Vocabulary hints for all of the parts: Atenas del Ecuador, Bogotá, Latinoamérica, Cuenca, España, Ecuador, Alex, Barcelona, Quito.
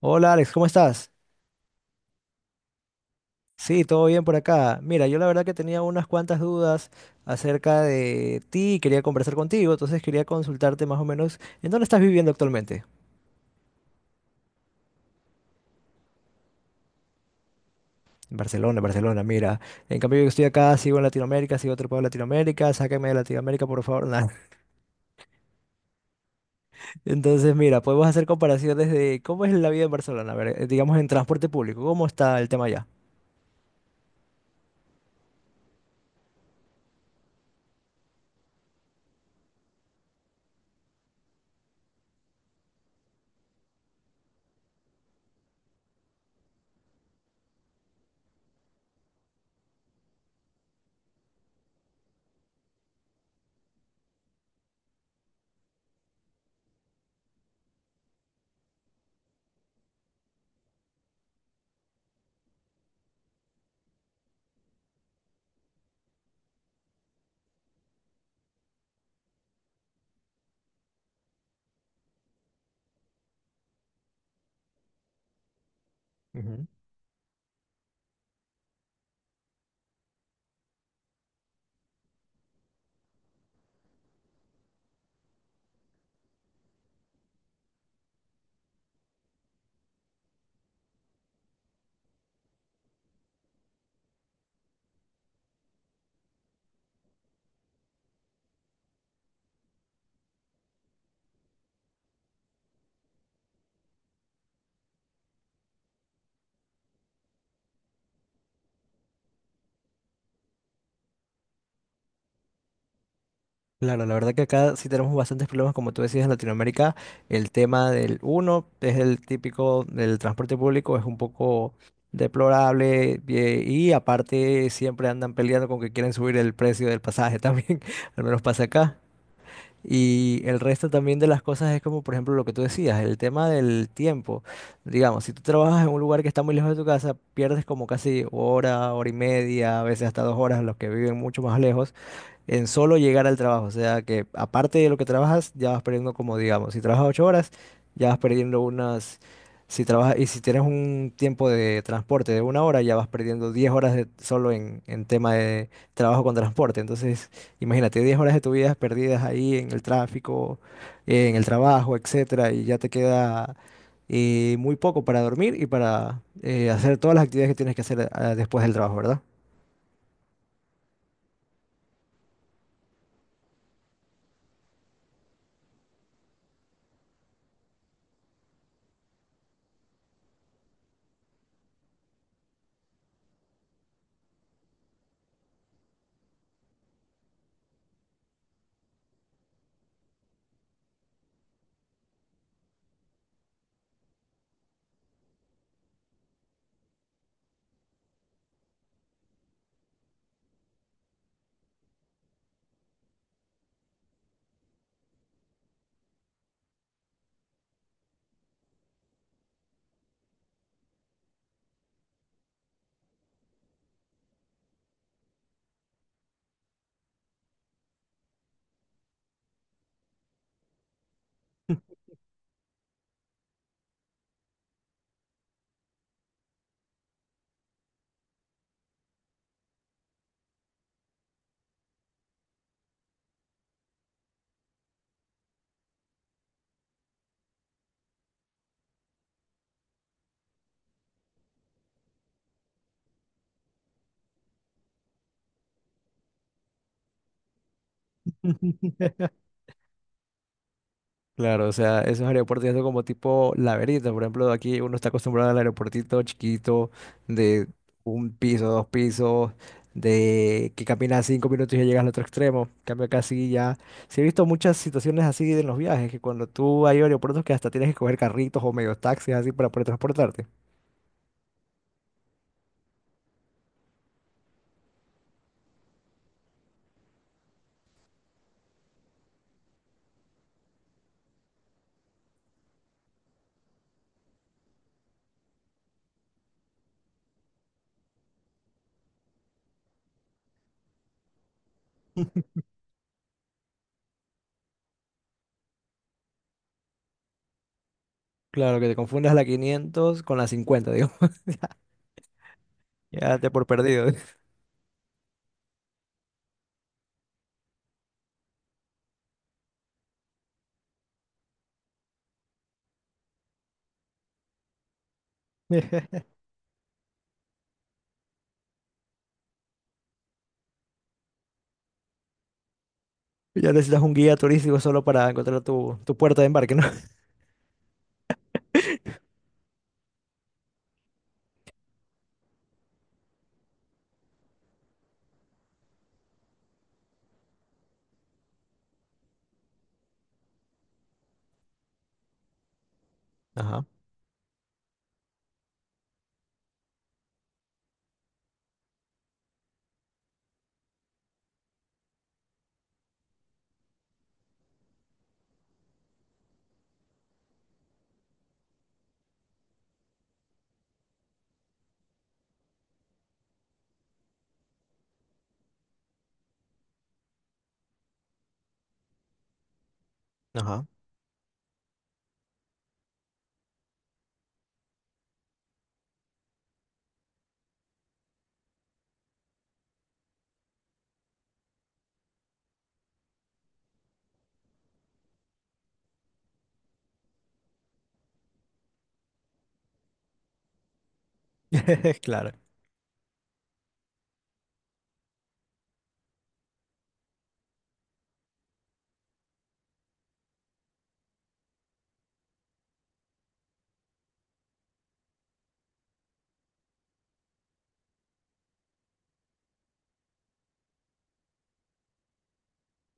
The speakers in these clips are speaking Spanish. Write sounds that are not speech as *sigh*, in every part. Hola Alex, ¿cómo estás? Sí, todo bien por acá. Mira, yo la verdad que tenía unas cuantas dudas acerca de ti, y quería conversar contigo, entonces quería consultarte más o menos en dónde estás viviendo actualmente. En Barcelona, Barcelona, mira. En cambio yo estoy acá, sigo en Latinoamérica, sigo otro pueblo de Latinoamérica, sáqueme de Latinoamérica, por favor. Nah. *laughs* Entonces, mira, podemos hacer comparaciones de cómo es la vida en Barcelona, a ver, digamos en transporte público, ¿cómo está el tema allá? Claro, la verdad que acá sí tenemos bastantes problemas, como tú decías, en Latinoamérica. El tema del uno es el típico del transporte público, es un poco deplorable y aparte siempre andan peleando con que quieren subir el precio del pasaje también, *laughs* al menos pasa acá. Y el resto también de las cosas es como, por ejemplo, lo que tú decías, el tema del tiempo. Digamos, si tú trabajas en un lugar que está muy lejos de tu casa, pierdes como casi hora, hora y media, a veces hasta 2 horas, los que viven mucho más lejos en solo llegar al trabajo. O sea que aparte de lo que trabajas, ya vas perdiendo como digamos, si trabajas 8 horas, ya vas perdiendo unas, si trabajas, y si tienes un tiempo de transporte de 1 hora, ya vas perdiendo 10 horas de, solo en, tema de trabajo con transporte. Entonces, imagínate, 10 horas de tu vida perdidas ahí en el tráfico, en el trabajo, etcétera, y ya te queda muy poco para dormir y para hacer todas las actividades que tienes que hacer después del trabajo, ¿verdad? *laughs* Claro, o sea, esos aeropuertos ya son como tipo laberinto. Por ejemplo, aquí uno está acostumbrado al aeropuertito chiquito de un piso, dos pisos, de que caminas 5 minutos y ya llegas al otro extremo. En cambio acá sí ya. Sí he visto muchas situaciones así en los viajes, que cuando tú hay aeropuertos que hasta tienes que coger carritos o medios taxis así para poder transportarte. Claro, que te confundas la 500 con la 50, digo. *laughs* Ya te por perdido. *laughs* Ya necesitas un guía turístico solo para encontrar tu puerta de embarque, ¿no? Ajá, ajá. *laughs* Claro.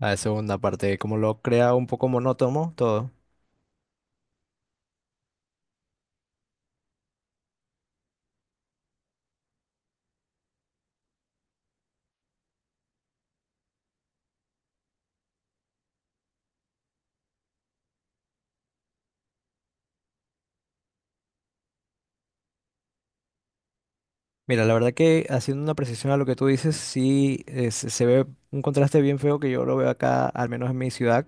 A la segunda parte, como lo crea un poco monótono todo. Mira, la verdad que haciendo una precisión a lo que tú dices, sí se ve un contraste bien feo que yo lo veo acá, al menos en mi ciudad,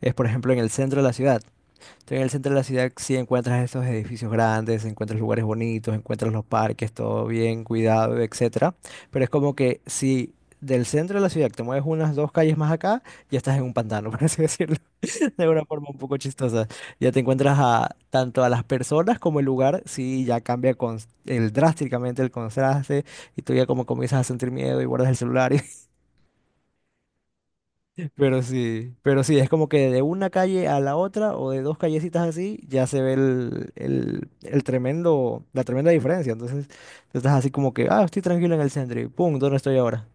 es por ejemplo en el centro de la ciudad. Entonces, en el centro de la ciudad sí encuentras estos edificios grandes, encuentras lugares bonitos, encuentras los parques, todo bien cuidado, etcétera. Pero es como que si del centro de la ciudad te mueves unas dos calles más acá, ya estás en un pantano, *laughs* por así decirlo. De una forma un poco chistosa. Ya te encuentras a tanto a las personas como el lugar, sí, ya cambia con el drásticamente el contraste y tú ya como comienzas a sentir miedo y guardas el celular. *laughs* Pero sí, pero sí, es como que de una calle a la otra o de dos callecitas así ya se ve el tremendo, la tremenda diferencia. Entonces, tú estás así como que, ah, estoy tranquilo en el centro y pum, ¿dónde estoy ahora?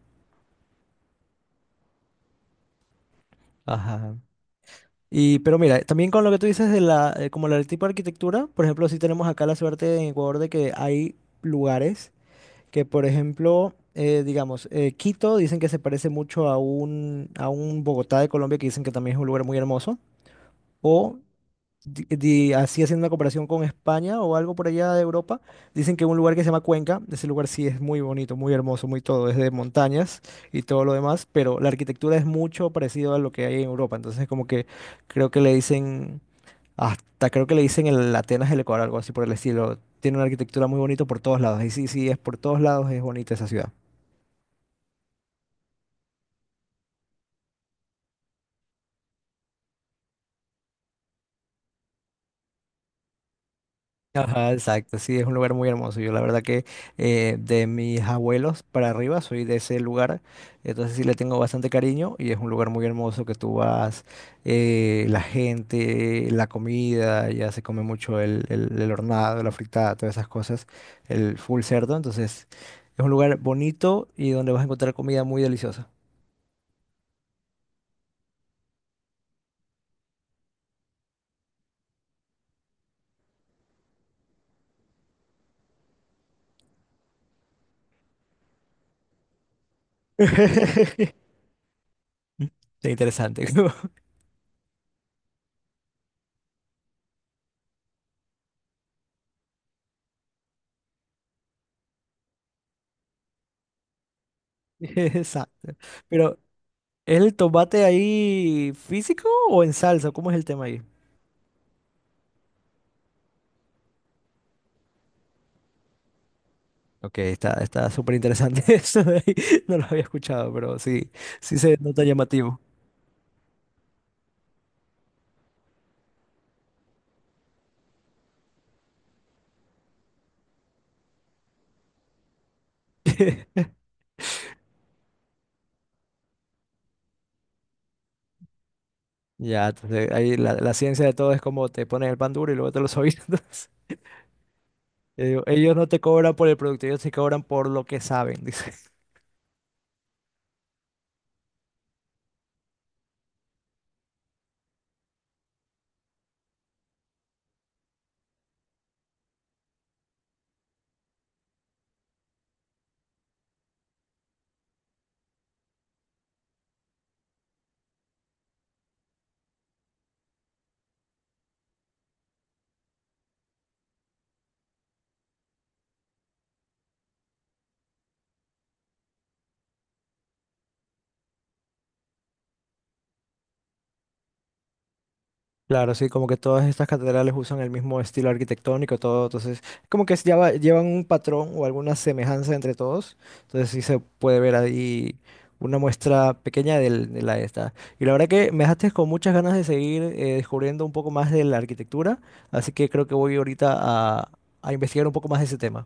Ajá. Y, pero mira, también con lo que tú dices de la, como el tipo de arquitectura, por ejemplo, sí tenemos acá la suerte en Ecuador de que hay lugares que, por ejemplo, digamos, Quito dicen que se parece mucho a un, Bogotá de Colombia, que dicen que también es un lugar muy hermoso, o así haciendo una comparación con España o algo por allá de Europa, dicen que un lugar que se llama Cuenca, ese lugar sí es muy bonito, muy hermoso, muy todo, es de montañas y todo lo demás, pero la arquitectura es mucho parecido a lo que hay en Europa, entonces como que creo que le dicen, hasta creo que le dicen el Atenas del Ecuador, algo así por el estilo, tiene una arquitectura muy bonita por todos lados, y sí, sí, es por todos lados, es bonita esa ciudad. Ajá, exacto, sí, es un lugar muy hermoso. Yo la verdad que de mis abuelos para arriba soy de ese lugar, entonces sí le tengo bastante cariño y es un lugar muy hermoso que tú vas, la gente, la comida, ya se come mucho el, el hornado, la fritada, todas esas cosas, el full cerdo, entonces es un lugar bonito y donde vas a encontrar comida muy deliciosa. *laughs* Interesante. *laughs* Exacto. Pero ¿es el tomate ahí físico o en salsa? ¿Cómo es el tema ahí? Ok, está, súper interesante *laughs* eso de ahí. No lo había escuchado, pero sí, sí se nota llamativo. *laughs* Ya, entonces ahí la ciencia de todo es como te ponen el pan duro y luego te lo suavisan. *laughs* Entonces, yo digo, ellos no te cobran por el producto, ellos te cobran por lo que saben, dice. Claro, sí, como que todas estas catedrales usan el mismo estilo arquitectónico, todo, entonces, como que llevan un patrón o alguna semejanza entre todos, entonces sí se puede ver ahí una muestra pequeña de la esta. Y la verdad que me dejaste con muchas ganas de seguir descubriendo un poco más de la arquitectura, así que creo que voy ahorita a, a, investigar un poco más de ese tema.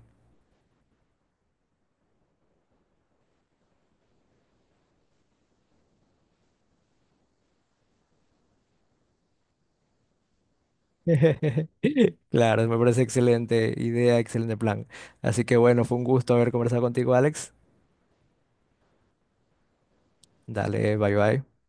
*laughs* Claro, me parece excelente idea, excelente plan. Así que bueno, fue un gusto haber conversado contigo, Alex. Dale, bye bye.